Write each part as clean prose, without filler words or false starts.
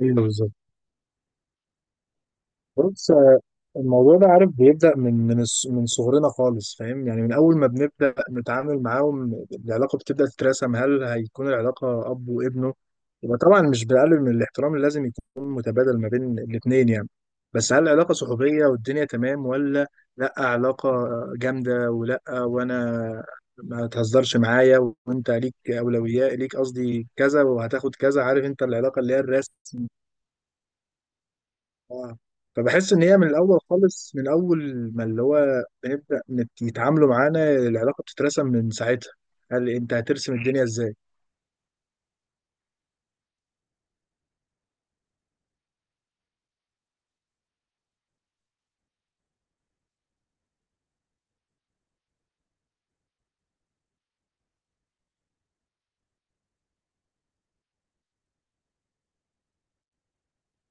ايوه، بالظبط. بص، الموضوع ده عارف بيبدأ من صغرنا خالص، فاهم؟ يعني من أول ما بنبدأ نتعامل معاهم العلاقة بتبدأ تترسم. هل هيكون العلاقة أب وابنه يبقى طبعا مش بقلل من الاحترام اللي لازم يكون متبادل ما بين الاتنين، يعني بس هل العلاقة صحوبية والدنيا تمام، ولا لأ علاقة جامدة؟ ولأ وأنا ما تهزرش معايا، وأنت ليك أولويات ليك، قصدي كذا وهتاخد كذا، عارف أنت، العلاقة اللي هي الرسمي. اه، فبحس ان هي من الاول خالص، من اول ما اللي هو يتعاملوا معانا العلاقه بتترسم من ساعتها. قال لي انت هترسم الدنيا ازاي؟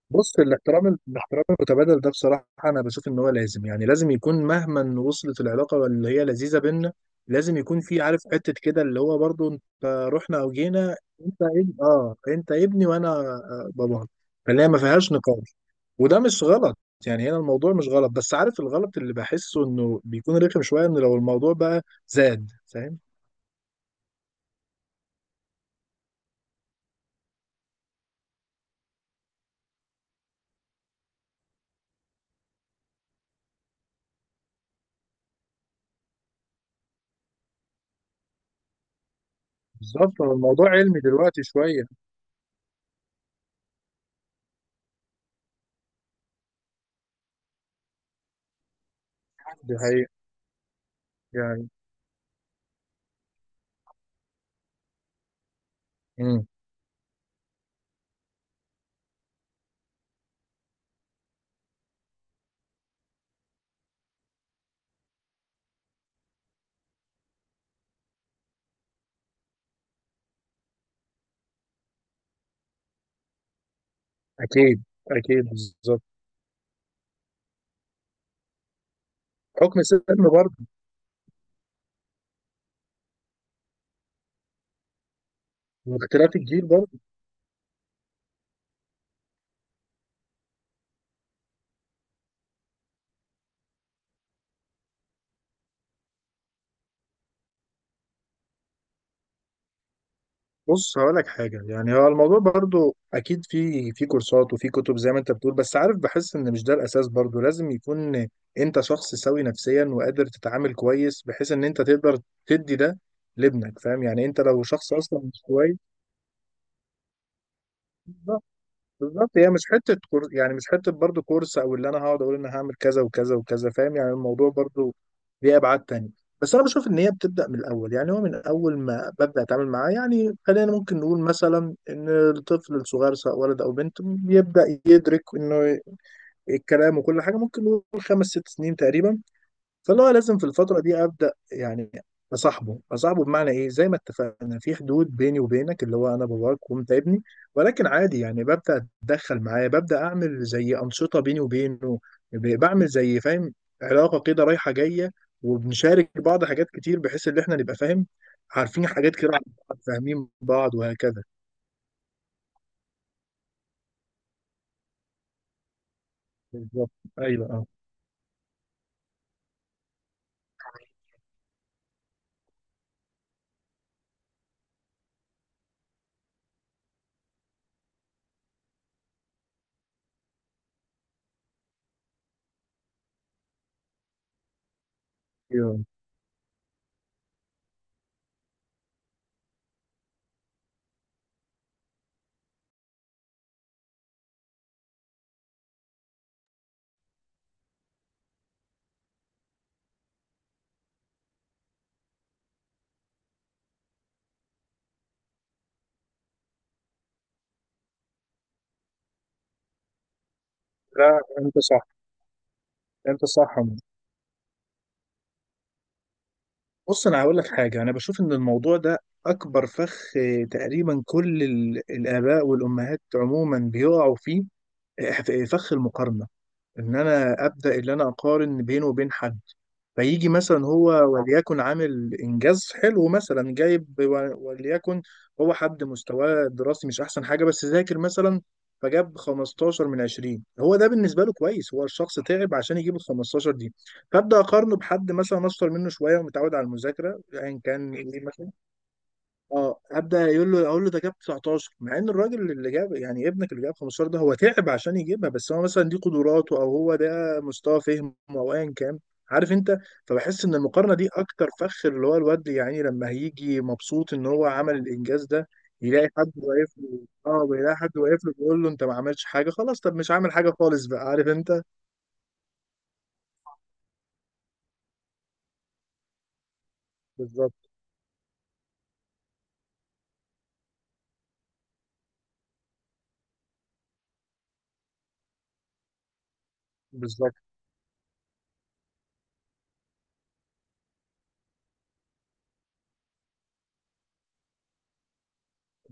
بص، الاحترام المتبادل ده بصراحة أنا بشوف إن هو لازم، يعني لازم يكون، مهما وصلت العلاقة اللي هي لذيذة بينا، لازم يكون في، عارف، حتة كده اللي هو برضو أنت رحنا أو جينا، أنت ابن، أنت ابني وأنا باباك. فاللي هي ما فيهاش نقاش، وده مش غلط. يعني هنا الموضوع مش غلط، بس عارف الغلط اللي بحسه إنه بيكون رخم شوية إن لو الموضوع بقى زاد، فاهم؟ بالظبط. هو الموضوع علمي دلوقتي شوية. دي حقيقة يعني. امم أكيد أكيد، بالظبط. حكم السن برضه. اختلاف الجيل برضه. بص هقول لك حاجه. يعني هو الموضوع برضه اكيد في كورسات وفي كتب زي ما انت بتقول، بس عارف بحس ان مش ده الاساس. برضه لازم يكون انت شخص سوي نفسيا وقادر تتعامل كويس، بحيث ان انت تقدر تدي ده لابنك، فاهم؟ يعني انت لو شخص اصلا مش كويس. بالظبط. هي مش حته يعني مش حته برضو كورس، او اللي انا هقعد اقول انا هعمل كذا وكذا وكذا، فاهم؟ يعني الموضوع برضو ليه ابعاد تانية. بس انا بشوف ان هي بتبدا من الاول، يعني هو من اول ما ببدا اتعامل معاه. يعني خلينا ممكن نقول مثلا ان الطفل الصغير، سواء ولد او بنت، بيبدا يدرك انه الكلام وكل حاجه ممكن نقول خمس ست سنين تقريبا. فاللي هو لازم في الفترة دي أبدأ، يعني أصاحبه بمعنى إيه؟ زي ما اتفقنا في حدود بيني وبينك اللي هو أنا باباك وأنت ابني، ولكن عادي يعني ببدأ أتدخل معاه، ببدأ أعمل زي أنشطة بيني وبينه، بعمل زي، فاهم، علاقة كده رايحة جاية، وبنشارك بعض حاجات كتير بحيث إن إحنا نبقى، فاهم، عارفين حاجات كده عن بعض، فاهمين بعض، وهكذا. بالظبط. أيوه، أه. أيوه. لا أنت صح. أنت صح. بص انا هقول لك حاجه. انا بشوف ان الموضوع ده اكبر فخ، تقريبا كل الاباء والامهات عموما بيقعوا فيه، فخ المقارنه، ان انا ابدا ان انا اقارن بيني وبين حد. فيجي مثلا هو، وليكن عامل انجاز حلو مثلا، جايب وليكن هو حد مستواه الدراسي مش احسن حاجه بس ذاكر مثلا، فجاب 15 من 20. هو ده بالنسبه له كويس، هو الشخص تعب عشان يجيب ال 15 دي، فابدا اقارنه بحد مثلا اشطر منه شويه ومتعود على المذاكره ايا كان ايه مثلا. اه ابدا يقول له، اقول له ده جاب 19، مع ان الراجل اللي جاب، يعني ابنك اللي جاب 15 ده، هو تعب عشان يجيبها، بس هو مثلا دي قدراته او هو ده مستوى فهمه او ايا كان، عارف انت. فبحس ان المقارنه دي اكتر فخ، اللي هو الواد يعني لما هيجي مبسوط ان هو عمل الانجاز ده يلاقي حد واقف له. اه، بيلاقي حد واقف له بيقول له انت ما عملتش حاجه، خلاص طب مش عامل حاجه خالص بقى، عارف انت. بالظبط. بالظبط.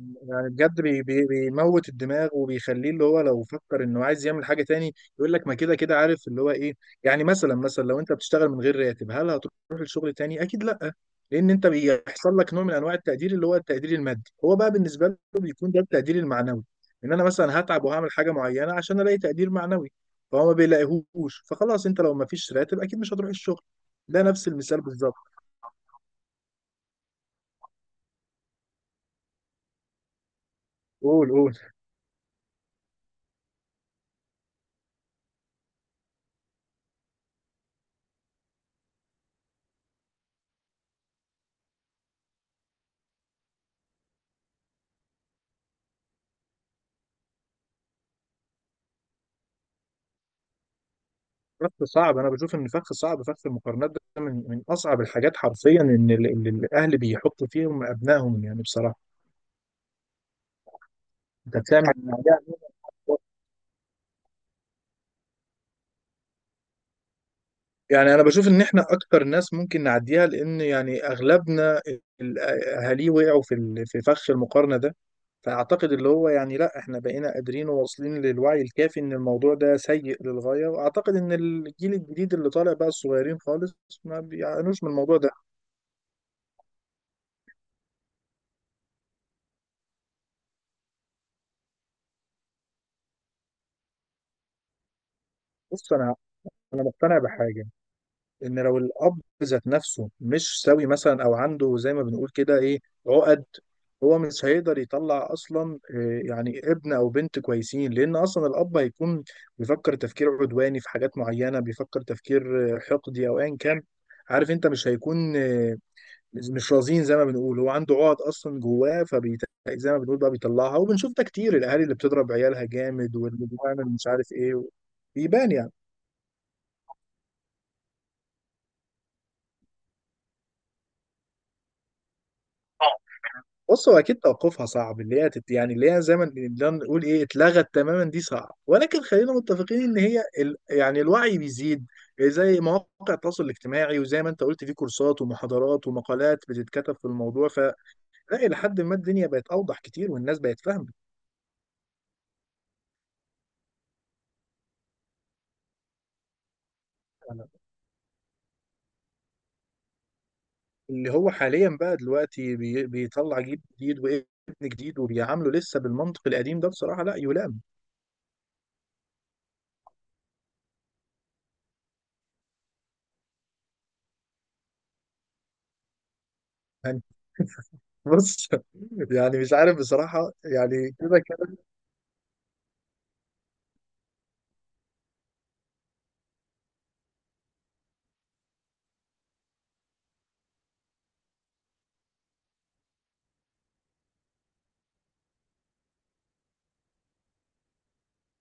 يعني بجد بي بيموت الدماغ وبيخليه اللي هو لو فكر انه عايز يعمل حاجه تاني يقول لك ما كده كده، عارف اللي هو ايه. يعني مثلا، مثلا لو انت بتشتغل من غير راتب، هل هتروح الشغل تاني؟ اكيد لا. لان انت بيحصل لك نوع من انواع التقدير، اللي هو التقدير المادي. هو بقى بالنسبه له بيكون ده التقدير المعنوي، ان انا مثلا هتعب وهعمل حاجه معينه عشان الاقي تقدير معنوي. فهو ما بيلاقيهوش، فخلاص، انت لو ما فيش راتب اكيد مش هتروح الشغل. ده نفس المثال بالظبط. قول، قول. فخ صعب. انا بشوف ان فخ صعب، فخ المقارنات ده من من اصعب الحاجات حرفيا، ان الاهل بيحطوا فيهم ابنائهم، يعني بصراحه. انت بتعمل عليها نقطة. يعني انا بشوف ان احنا اكتر ناس ممكن نعديها، لان يعني اغلبنا اهاليه وقعوا في فخ المقارنه ده. فاعتقد اللي هو، يعني لا، احنا بقينا قادرين وواصلين للوعي الكافي ان الموضوع ده سيء للغايه. واعتقد ان الجيل الجديد اللي طالع بقى، الصغيرين خالص، ما بيعانوش من الموضوع ده. بص انا مقتنع بحاجه، ان لو الاب ذات نفسه مش سوي مثلا، او عنده زي ما بنقول كده ايه، عقد، هو مش هيقدر يطلع اصلا، يعني ابن او بنت كويسين، لان اصلا الاب هيكون بيفكر تفكير عدواني في حاجات معينه، بيفكر تفكير حقدي او ايا كان، عارف انت، مش هيكون مش رزين زي ما بنقول. هو عنده عقد اصلا جواه فبيت زي ما بنقول، بقى بيطلعها. وبنشوف ده كتير، الاهالي اللي بتضرب عيالها جامد واللي بتعمل مش عارف ايه، بيبان يعني. بص هو اكيد توقفها صعب، اللي هي يعني اللي هي زي ما نقدر نقول ايه اتلغت تماما، دي صعب، ولكن خلينا متفقين ان هي يعني الوعي بيزيد زي مواقع التواصل الاجتماعي، وزي ما انت قلت في كورسات ومحاضرات ومقالات بتتكتب في الموضوع، فلا، الى حد ما الدنيا بقت اوضح كتير والناس بقت فاهمه. اللي هو حاليا بقى دلوقتي بيطلع جيل جديد وابن جديد، وبيعامله لسه بالمنطق القديم ده، بصراحه لا يلام. يعني بص، يعني مش عارف بصراحه، يعني كده كده.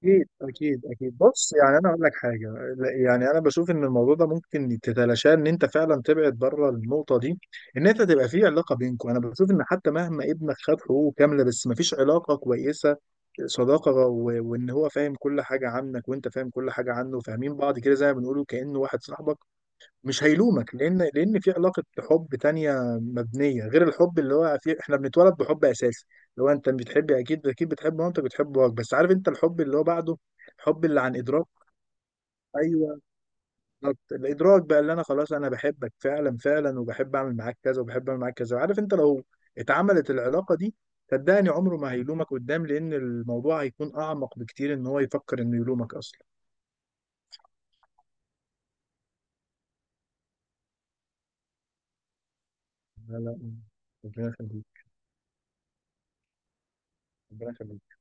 اكيد اكيد اكيد. بص يعني انا اقول لك حاجه. يعني انا بشوف ان الموضوع ده ممكن تتلاشاه، ان انت فعلا تبعد بره النقطه دي. ان انت تبقى في علاقه بينكم، انا بشوف ان حتى مهما ابنك خد حقوقه كامله بس ما فيش علاقه كويسه، صداقه، وان هو فاهم كل حاجه عنك وانت فاهم كل حاجه عنه، فاهمين بعض كده زي ما بنقوله كانه واحد صاحبك، مش هيلومك، لان في علاقه حب تانية مبنيه غير الحب اللي هو في، احنا بنتولد بحب اساسي، اللي هو انت بتحب، اكيد اكيد بتحب مامتك بتحب باباك، بس عارف انت الحب اللي هو بعده، الحب اللي عن ادراك. ايوه بالظبط. الادراك بقى اللي انا خلاص انا بحبك فعلا فعلا، وبحب اعمل معاك كذا وبحب اعمل معاك كذا، عارف انت، لو اتعملت العلاقه دي صدقني عمره ما هيلومك قدام، لان الموضوع هيكون اعمق بكتير ان هو يفكر انه يلومك اصلا. لا لا، ربنا يخليك. ربنا يخليك.